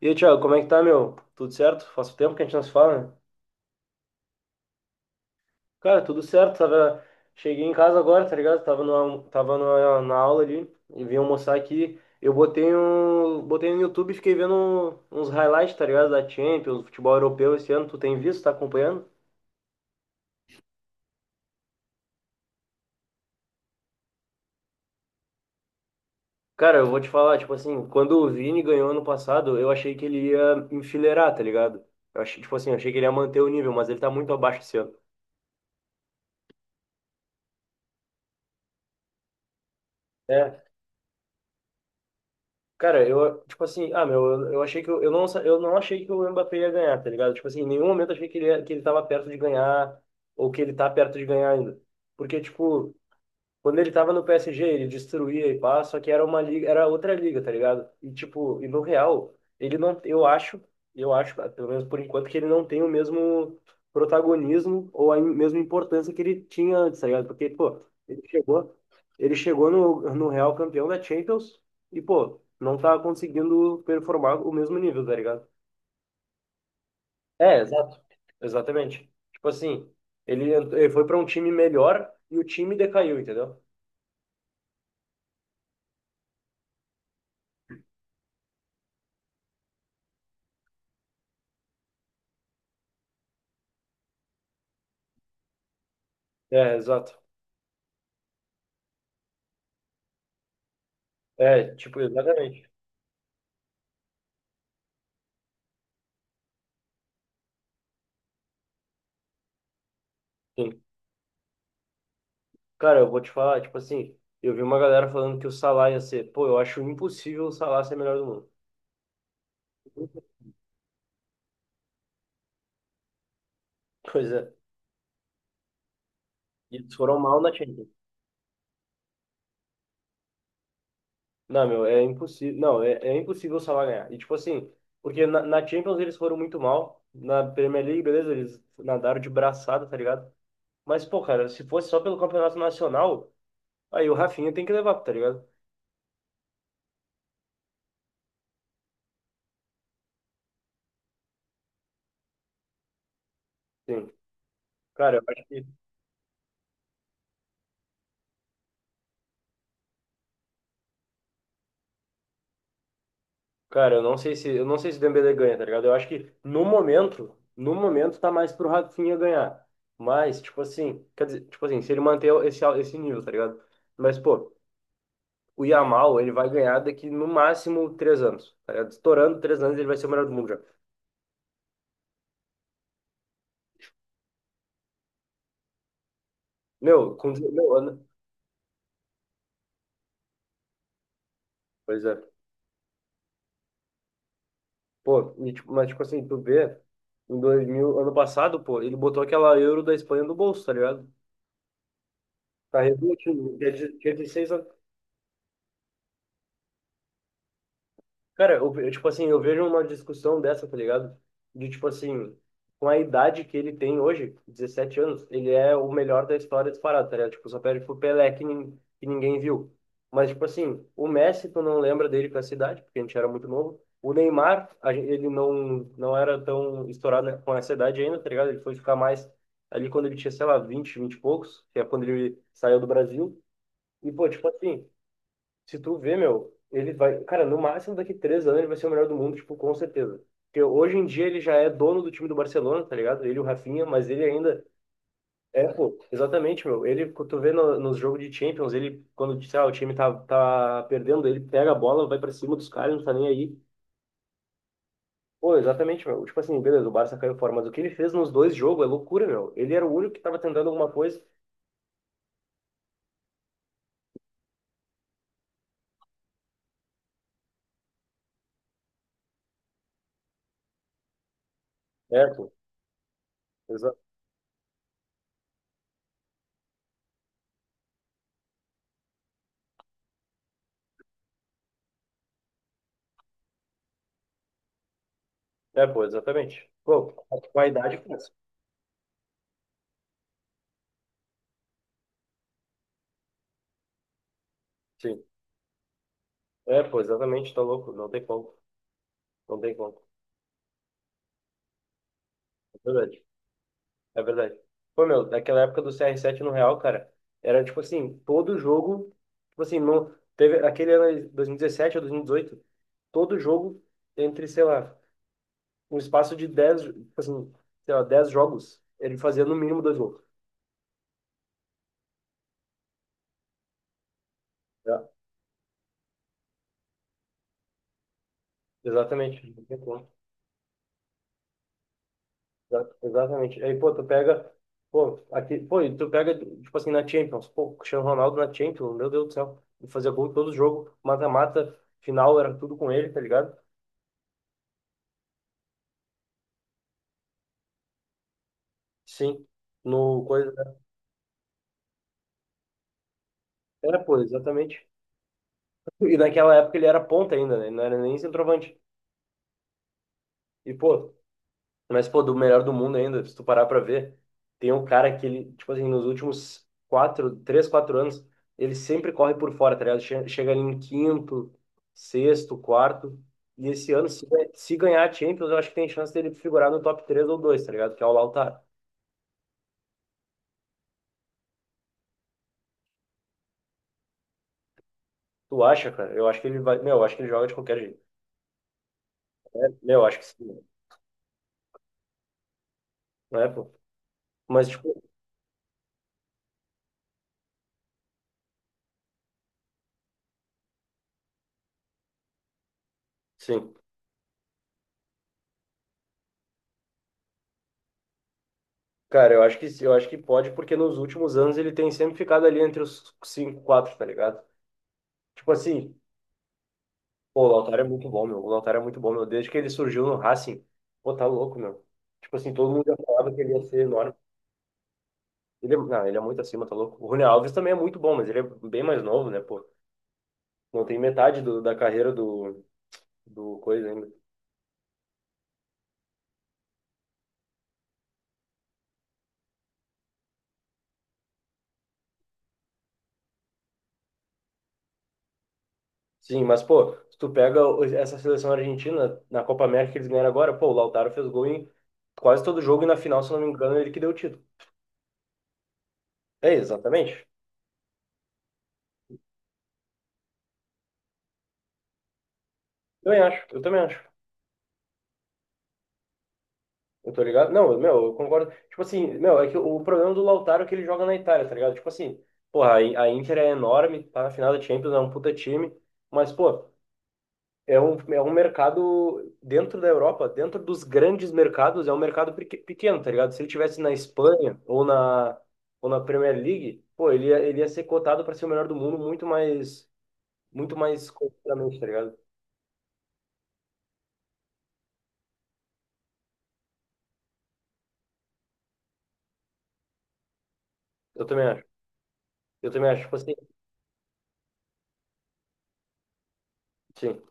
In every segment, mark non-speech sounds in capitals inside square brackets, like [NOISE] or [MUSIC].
E aí, Thiago, como é que tá, meu? Tudo certo? Faz tempo que a gente não se fala, né? Cara, tudo certo. Cheguei em casa agora, tá ligado? Tava na aula ali e vim almoçar aqui. Eu botei no YouTube e fiquei vendo uns highlights, tá ligado? Da Champions, futebol europeu esse ano. Tu tem visto? Tá acompanhando? Cara, eu vou te falar, tipo assim, quando o Vini ganhou ano passado, eu achei que ele ia enfileirar, tá ligado? Eu achei, tipo assim, eu achei que ele ia manter o nível, mas ele tá muito abaixo esse ano. É. Cara, eu, tipo assim, ah, meu, eu achei que eu não achei que o Mbappé ia ganhar, tá ligado? Tipo assim, em nenhum momento eu achei que ele tava perto de ganhar ou que ele tá perto de ganhar ainda. Porque, tipo, quando ele tava no PSG, ele destruía e pá, só que era uma liga, era outra liga, tá ligado? E, tipo, no Real, ele não, eu acho, pelo menos por enquanto, que ele não tem o mesmo protagonismo ou a mesma importância que ele tinha antes, tá ligado? Porque, pô, ele chegou, ele chegou no Real campeão da Champions e, pô, não tá conseguindo performar o mesmo nível, tá ligado? É, exato. Exatamente. Tipo assim, ele foi pra um time melhor e o time decaiu, entendeu? É, exato. É, tipo, exatamente. Sim. Cara, eu vou te falar, tipo assim, eu vi uma galera falando que o Salah ia ser, pô, eu acho impossível o Salah ser melhor do mundo. [LAUGHS] Pois é. E eles foram mal na Champions. Não, meu, é impossível. Não, é impossível o Salah ganhar. E tipo assim, porque na Champions eles foram muito mal. Na Premier League, beleza, eles nadaram de braçada, tá ligado? Mas, pô, cara, se fosse só pelo Campeonato Nacional, aí o Rafinha tem que levar, tá ligado? Sim. Cara, eu acho que Cara, eu não sei se o Dembélé ganha, tá ligado? Eu acho que no momento tá mais pro Rafinha ganhar. Mas, tipo assim, quer dizer, tipo assim, se ele manter esse nível, tá ligado? Mas, pô, o Yamal, ele vai ganhar daqui no máximo 3 anos, tá ligado? Estourando 3 anos, ele vai ser o melhor do mundo já. Meu, com 19 anos. Pois é. Pô, e, tipo, mas, tipo assim, tu vê, em 2000 ano passado, pô, ele botou aquela Euro da Espanha no bolso, tá ligado? Tá reduzindo, tinha 16 anos. Cara, eu, tipo assim, eu vejo uma discussão dessa, tá ligado? De, tipo assim, com a idade que ele tem hoje, 17 anos, ele é o melhor da história disparado, tá ligado? Tipo, só perde pro Pelé, que ninguém viu. Mas, tipo assim, o Messi, tu não lembra dele com essa idade, porque a gente era muito novo. O Neymar, ele não era tão estourado, né, com essa idade ainda, tá ligado? Ele foi ficar mais ali quando ele tinha, sei lá, 20 20 e poucos, que é quando ele saiu do Brasil. E, pô, tipo assim... Se tu vê, meu, ele vai. Cara, no máximo daqui 3 anos ele vai ser o melhor do mundo, tipo, com certeza. Porque hoje em dia ele já é dono do time do Barcelona, tá ligado? Ele e o Rafinha, mas ele ainda. É, pô, exatamente, meu. Ele, quando tu vê no, nos jogos de Champions, ele, quando, sei lá, o time tá perdendo, ele pega a bola, vai pra cima dos caras, não tá nem aí. Pô, exatamente, meu. Tipo assim, beleza, o Barça caiu fora, mas o que ele fez nos dois jogos é loucura, meu. Ele era o único que tava tentando alguma coisa. É, pô, exa... É, pô, exatamente. Pô, com a idade, pô. Sim. É, pô, exatamente, tá louco, não tem como, não tem como, é verdade, é verdade. Pô, meu, daquela época do CR7 no Real, cara, era tipo assim, todo jogo, tipo assim, não, teve aquele ano de 2017 ou 2018, todo jogo entre, sei lá, um espaço de 10, tipo assim, sei lá, 10 jogos, ele fazia no mínimo dois gols. É, exatamente, não tem como. Exatamente. Aí, pô, tu pega. Pô, aqui, pô, e tu pega, tipo assim, na Champions. Pô, Cristiano Ronaldo na Champions, meu Deus do céu. Ele fazia gol em todo jogo, mata-mata, final era tudo com ele, tá ligado? Sim. No coisa. É, pô, exatamente. E naquela época ele era ponta ainda, né? Ele não era nem centroavante. E, pô, Mas, pô, do melhor do mundo ainda, se tu parar pra ver, tem um cara que ele, tipo assim, nos últimos quatro, três, quatro anos, ele sempre corre por fora, tá ligado? Chega ali em quinto, sexto, quarto. E esse ano, se ganhar a Champions, eu acho que tem chance dele figurar no top 3 ou 2, tá ligado? Que é o Lautaro. Tu acha, cara? Eu acho que ele vai. Meu, eu acho que ele joga de qualquer jeito. É, meu, eu acho que sim. Não é, pô? Mas, tipo, sim. Cara, eu acho que pode, porque nos últimos anos ele tem sempre ficado ali entre os cinco, quatro, tá ligado? Tipo assim. Pô, o Lautaro é muito bom, meu. O Lautaro é muito bom, meu. Desde que ele surgiu no Racing, pô, tá louco, meu. Tipo assim, todo mundo já falava que ele ia ser enorme. Não, ele é muito acima, tá louco. O Rony Alves também é muito bom, mas ele é bem mais novo, né, pô. Não tem metade da carreira do coisa ainda. Sim, mas, pô, se tu pega essa seleção argentina na Copa América que eles ganharam agora, pô, o Lautaro fez gol em quase todo jogo e na final, se não me engano, ele que deu o título. É, exatamente. Eu também acho, eu também acho. Eu tô ligado? Não, meu, eu concordo. Tipo assim, meu, é que o problema do Lautaro é que ele joga na Itália, tá ligado? Tipo assim, porra, a Inter é enorme, tá na final da Champions, é um puta time, mas, pô, é um mercado dentro da Europa, dentro dos grandes mercados, é um mercado pequeno, tá ligado? Se ele tivesse na Espanha ou na Premier League, pô, ele ia ser cotado pra ser o melhor do mundo muito mais completamente, tá ligado? Eu também acho. Eu também acho, tipo assim, sim.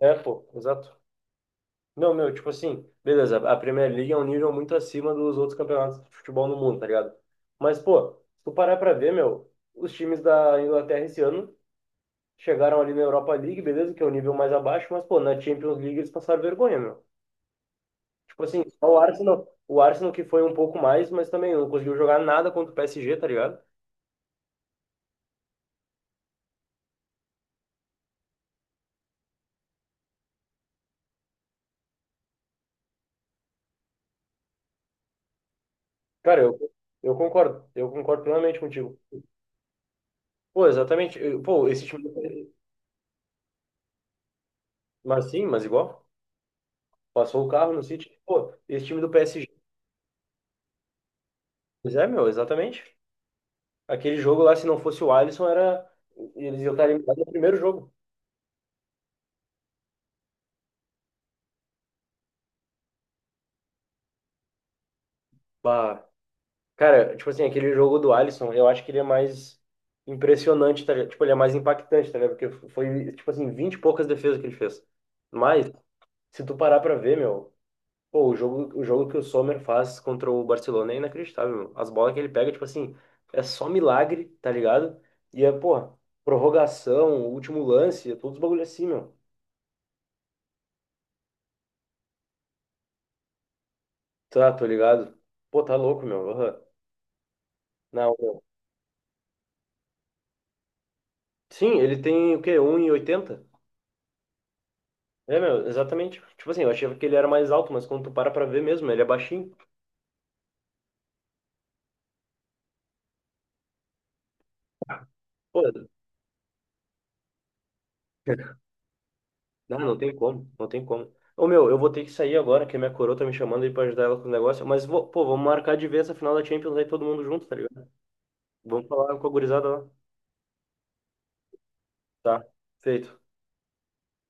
É, pô, exato. Não, meu, tipo assim, beleza, a Premier League é um nível muito acima dos outros campeonatos de futebol no mundo, tá ligado? Mas, pô, se tu parar pra ver, meu, os times da Inglaterra esse ano chegaram ali na Europa League, beleza, que é o nível mais abaixo, mas, pô, na Champions League eles passaram vergonha, meu. Tipo assim, só o Arsenal que foi um pouco mais, mas também não conseguiu jogar nada contra o PSG, tá ligado? Cara, eu concordo plenamente contigo. Pô, exatamente, pô, esse time, mas sim, mas igual, passou o carro no City, pô, esse time do PSG. Pois é, meu, exatamente. Aquele jogo lá, se não fosse o Alisson, era. Eles iam estar eliminados no primeiro jogo. Bah. Cara, tipo assim, aquele jogo do Alisson, eu acho que ele é mais impressionante, tá ligado? Tipo, ele é mais impactante, tá ligado? Porque foi, tipo assim, 20 e poucas defesas que ele fez. Mas, se tu parar pra ver, meu, pô, o jogo que o Sommer faz contra o Barcelona é inacreditável, meu. As bolas que ele pega, tipo assim, é só milagre, tá ligado? E é, pô, prorrogação, último lance, é todos os bagulho assim, meu. Tá, tô ligado. Pô, tá louco, meu. Aham. Não, meu. Sim, ele tem o quê? 1,80. É, meu, exatamente. Tipo assim, eu achava que ele era mais alto, mas quando tu para pra ver mesmo, ele é baixinho. Pô, [LAUGHS] não, não tem como, não tem como. Ô, meu, eu vou ter que sair agora, que a minha coroa tá me chamando aí pra ajudar ela com o negócio. Mas, pô, vamos marcar de ver essa final da Champions aí todo mundo junto, tá ligado? Vamos falar com a gurizada lá. Tá, feito.